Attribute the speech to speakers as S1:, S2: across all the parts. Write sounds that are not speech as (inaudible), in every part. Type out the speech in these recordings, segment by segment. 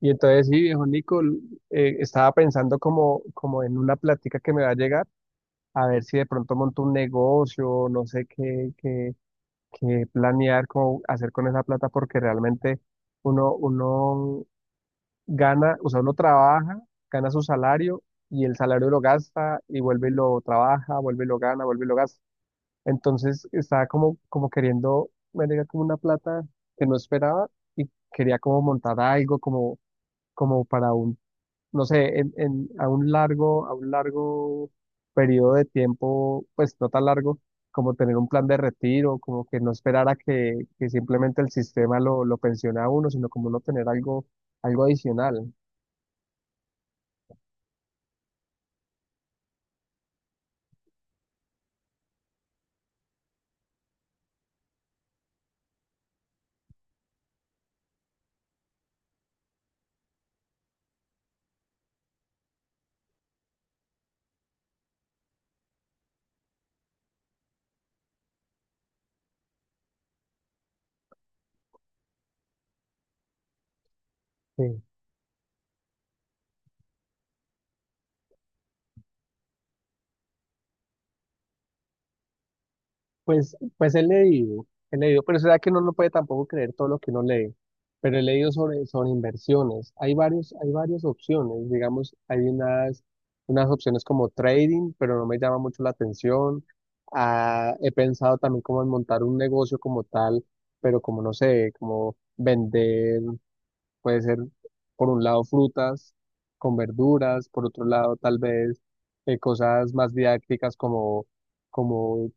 S1: Y entonces sí, viejo Nico, estaba pensando como en una plática que me va a llegar, a ver si de pronto monto un negocio, no sé qué planear, cómo hacer con esa plata, porque realmente uno gana, o sea, uno trabaja, gana su salario y el salario lo gasta y vuelve y lo trabaja, vuelve y lo gana, vuelve y lo gasta. Entonces estaba como queriendo, me llega como una plata que no esperaba y quería como montar algo como como para un no sé, a un largo periodo de tiempo, pues no tan largo, como tener un plan de retiro, como que no esperar a que simplemente el sistema lo pensione a uno, sino como no tener algo, algo adicional. Sí. Pues, pues he leído, pero será que uno no lo puede tampoco creer todo lo que uno lee. Pero he leído sobre inversiones. Hay varios, hay varias opciones. Digamos, unas opciones como trading, pero no me llama mucho la atención. Ah, he pensado también como en montar un negocio como tal, pero como no sé, como vender, puede ser por un lado frutas con verduras, por otro lado tal vez cosas más didácticas como como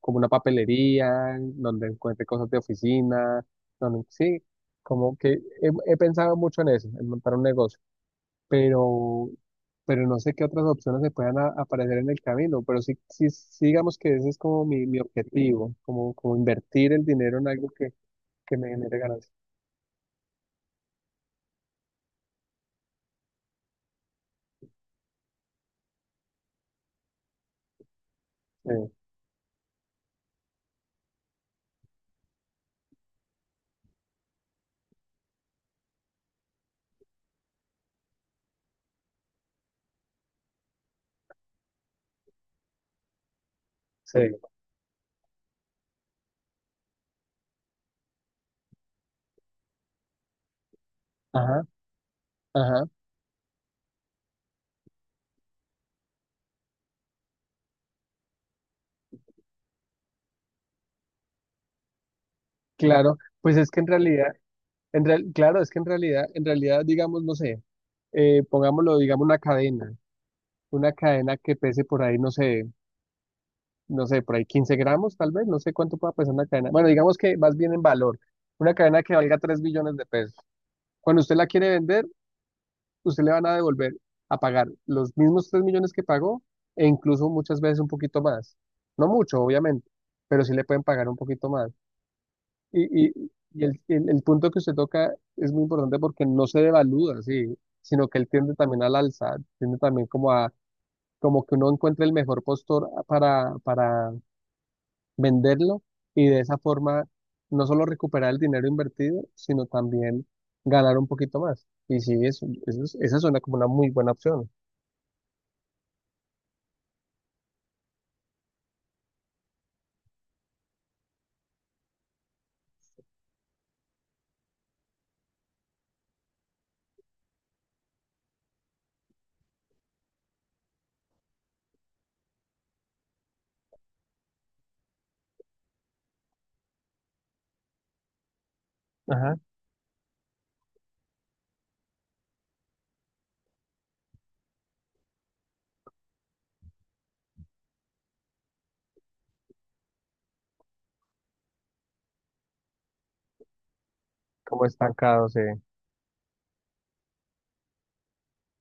S1: como una papelería, donde encuentre cosas de oficina, donde, sí, como que he pensado mucho en eso, en montar un negocio, pero, pero no sé qué otras opciones se puedan aparecer en el camino, pero sí, sí, sí digamos que ese es como mi objetivo, como, como invertir el dinero en algo que me genere ganancias. Sí, sí. Ajá, ajá, claro, pues es que en realidad, claro, es que en realidad, digamos, no sé, pongámoslo, digamos, una cadena que pese por ahí, no sé, no sé, por ahí 15 gramos, tal vez, no sé cuánto pueda pesar una cadena. Bueno, digamos que más bien en valor, una cadena que valga 3 millones de pesos. Cuando usted la quiere vender, usted le van a devolver a pagar los mismos 3 millones que pagó e incluso muchas veces un poquito más. No mucho, obviamente, pero sí le pueden pagar un poquito más. Y, y, y el punto que usted toca es muy importante porque no se devalúa, sí, sino que él tiende también al alza, tiende también como a, como que uno encuentre el mejor postor para venderlo y de esa forma no solo recuperar el dinero invertido, sino también ganar un poquito más. Y sí, esa suena como una muy buena opción. Ajá, como estancado, sí.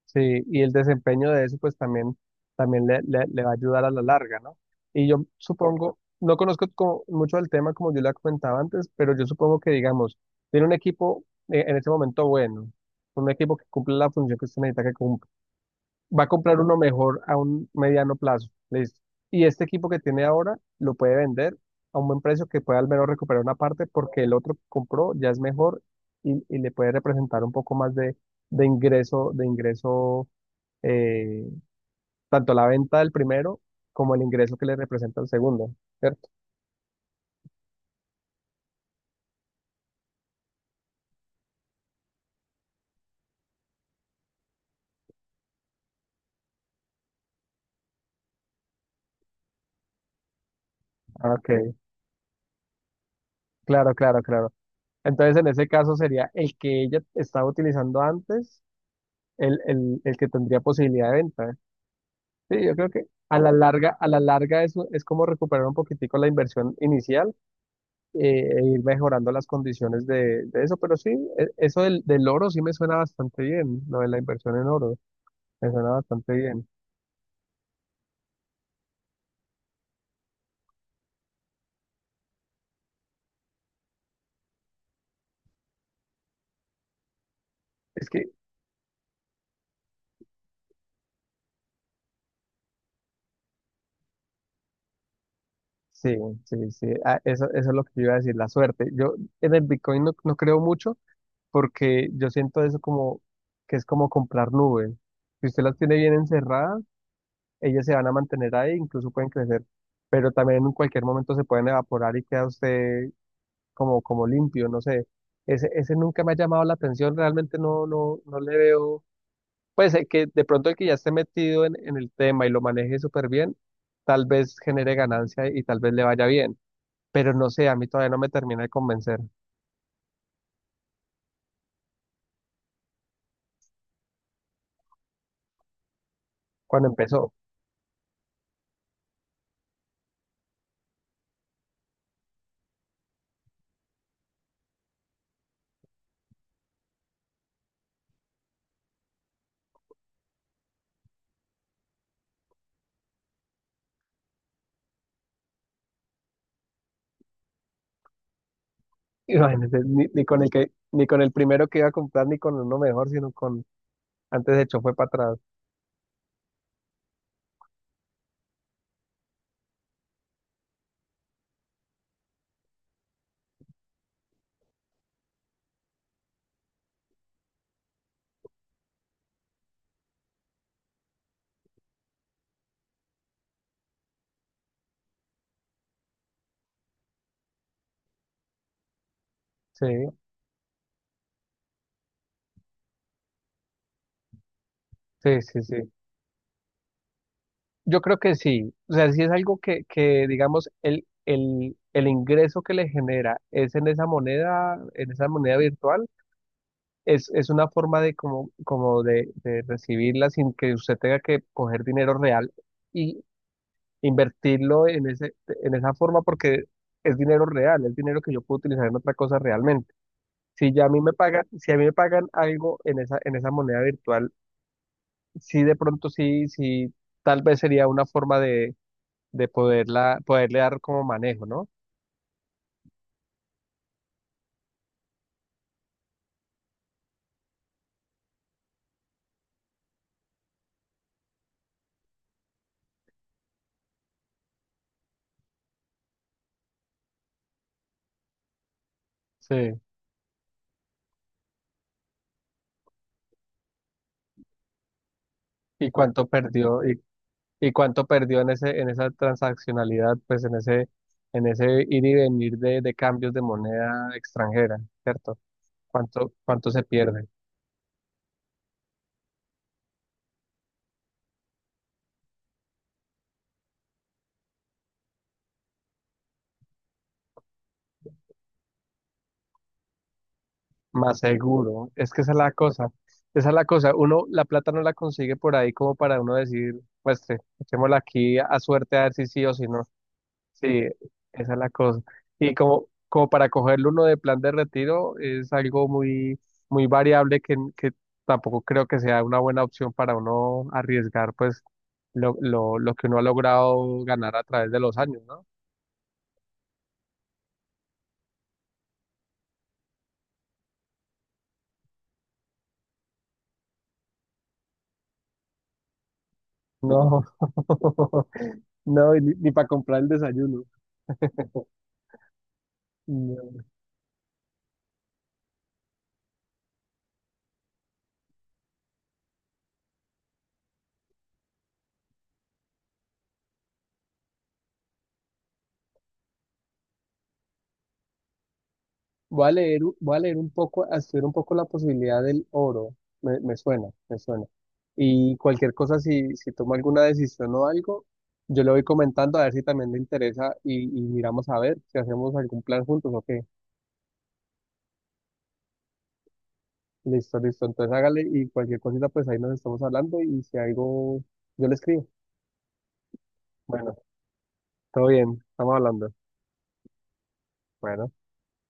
S1: Sí, y el desempeño de eso pues también, también le va a ayudar a la larga, ¿no? Y yo supongo, no conozco como mucho del tema como yo le comentaba antes, pero yo supongo que digamos, tiene un equipo en ese momento bueno, un equipo que cumple la función que usted necesita que cumpla va a comprar uno mejor a un mediano plazo. Listo. Y este equipo que tiene ahora lo puede vender a un buen precio que pueda al menos recuperar una parte porque el otro que compró ya es mejor y le puede representar un poco más de, de ingreso, eh, tanto la venta del primero como el ingreso que le representa el segundo, ¿cierto? Ah, ok, claro, claro, claro. Entonces en ese caso sería el que ella estaba utilizando antes, el que tendría posibilidad de venta. Sí, yo creo que a la larga eso es como recuperar un poquitico la inversión inicial eh, e ir mejorando las condiciones de eso. Pero sí, del oro sí me suena bastante bien, lo de la inversión en oro, me suena bastante bien. Es que sí, sí, sí, ah, eso es lo que yo iba a decir, la suerte. Yo en el Bitcoin no, no creo mucho porque yo siento eso como que es como comprar nubes. Si usted las tiene bien encerradas, ellos se van a mantener ahí, incluso pueden crecer, pero también en cualquier momento se pueden evaporar y queda usted como, como limpio, no sé. Ese nunca me ha llamado la atención, realmente no, no, no le veo. Pues que de pronto el que ya esté metido en el tema y lo maneje súper bien, tal vez genere ganancia y tal vez le vaya bien, pero no sé, a mí todavía no me termina de convencer cuando empezó. (laughs) Imagínese, ni, ni con el que, ni con el primero que iba a comprar, ni con uno mejor, sino con antes de hecho fue para atrás. Sí, sí, sí, sí. Yo creo que sí, o sea, si es algo que digamos, el ingreso que le genera es en esa moneda virtual, es una forma de como, como de recibirla sin que usted tenga que coger dinero real y invertirlo en ese, en esa forma porque es dinero real, es dinero que yo puedo utilizar en otra cosa realmente. Si ya a mí me pagan, si a mí me pagan algo en esa moneda virtual, sí de pronto sí, sí, tal vez sería una forma de poderla, poderle dar como manejo, ¿no? Sí. ¿Y cuánto perdió? Y cuánto perdió en ese, en esa transaccionalidad, pues en ese ir y venir de cambios de moneda extranjera, cierto? ¿Cuánto, cuánto se pierde? Más seguro. Es que esa es la cosa. Esa es la cosa. Uno, la plata no la consigue por ahí como para uno decir, pues, echémosla aquí a suerte a ver si sí o si no. Sí, esa es la cosa. Y como, como para cogerlo uno de plan de retiro es algo muy, muy variable que tampoco creo que sea una buena opción para uno arriesgar pues lo que uno ha logrado ganar a través de los años, ¿no? No, (laughs) no, y ni, para comprar el desayuno. No. Voy a leer, voy a leer un poco, a estudiar un poco la posibilidad del oro. Me suena, me suena. Y cualquier cosa, si, si tomo alguna decisión o algo, yo le voy comentando a ver si también le interesa y miramos a ver si hacemos algún plan juntos o qué. Listo, listo. Entonces hágale y cualquier cosita, pues ahí nos estamos hablando y si algo, yo le escribo. Bueno, todo bien, estamos hablando. Bueno.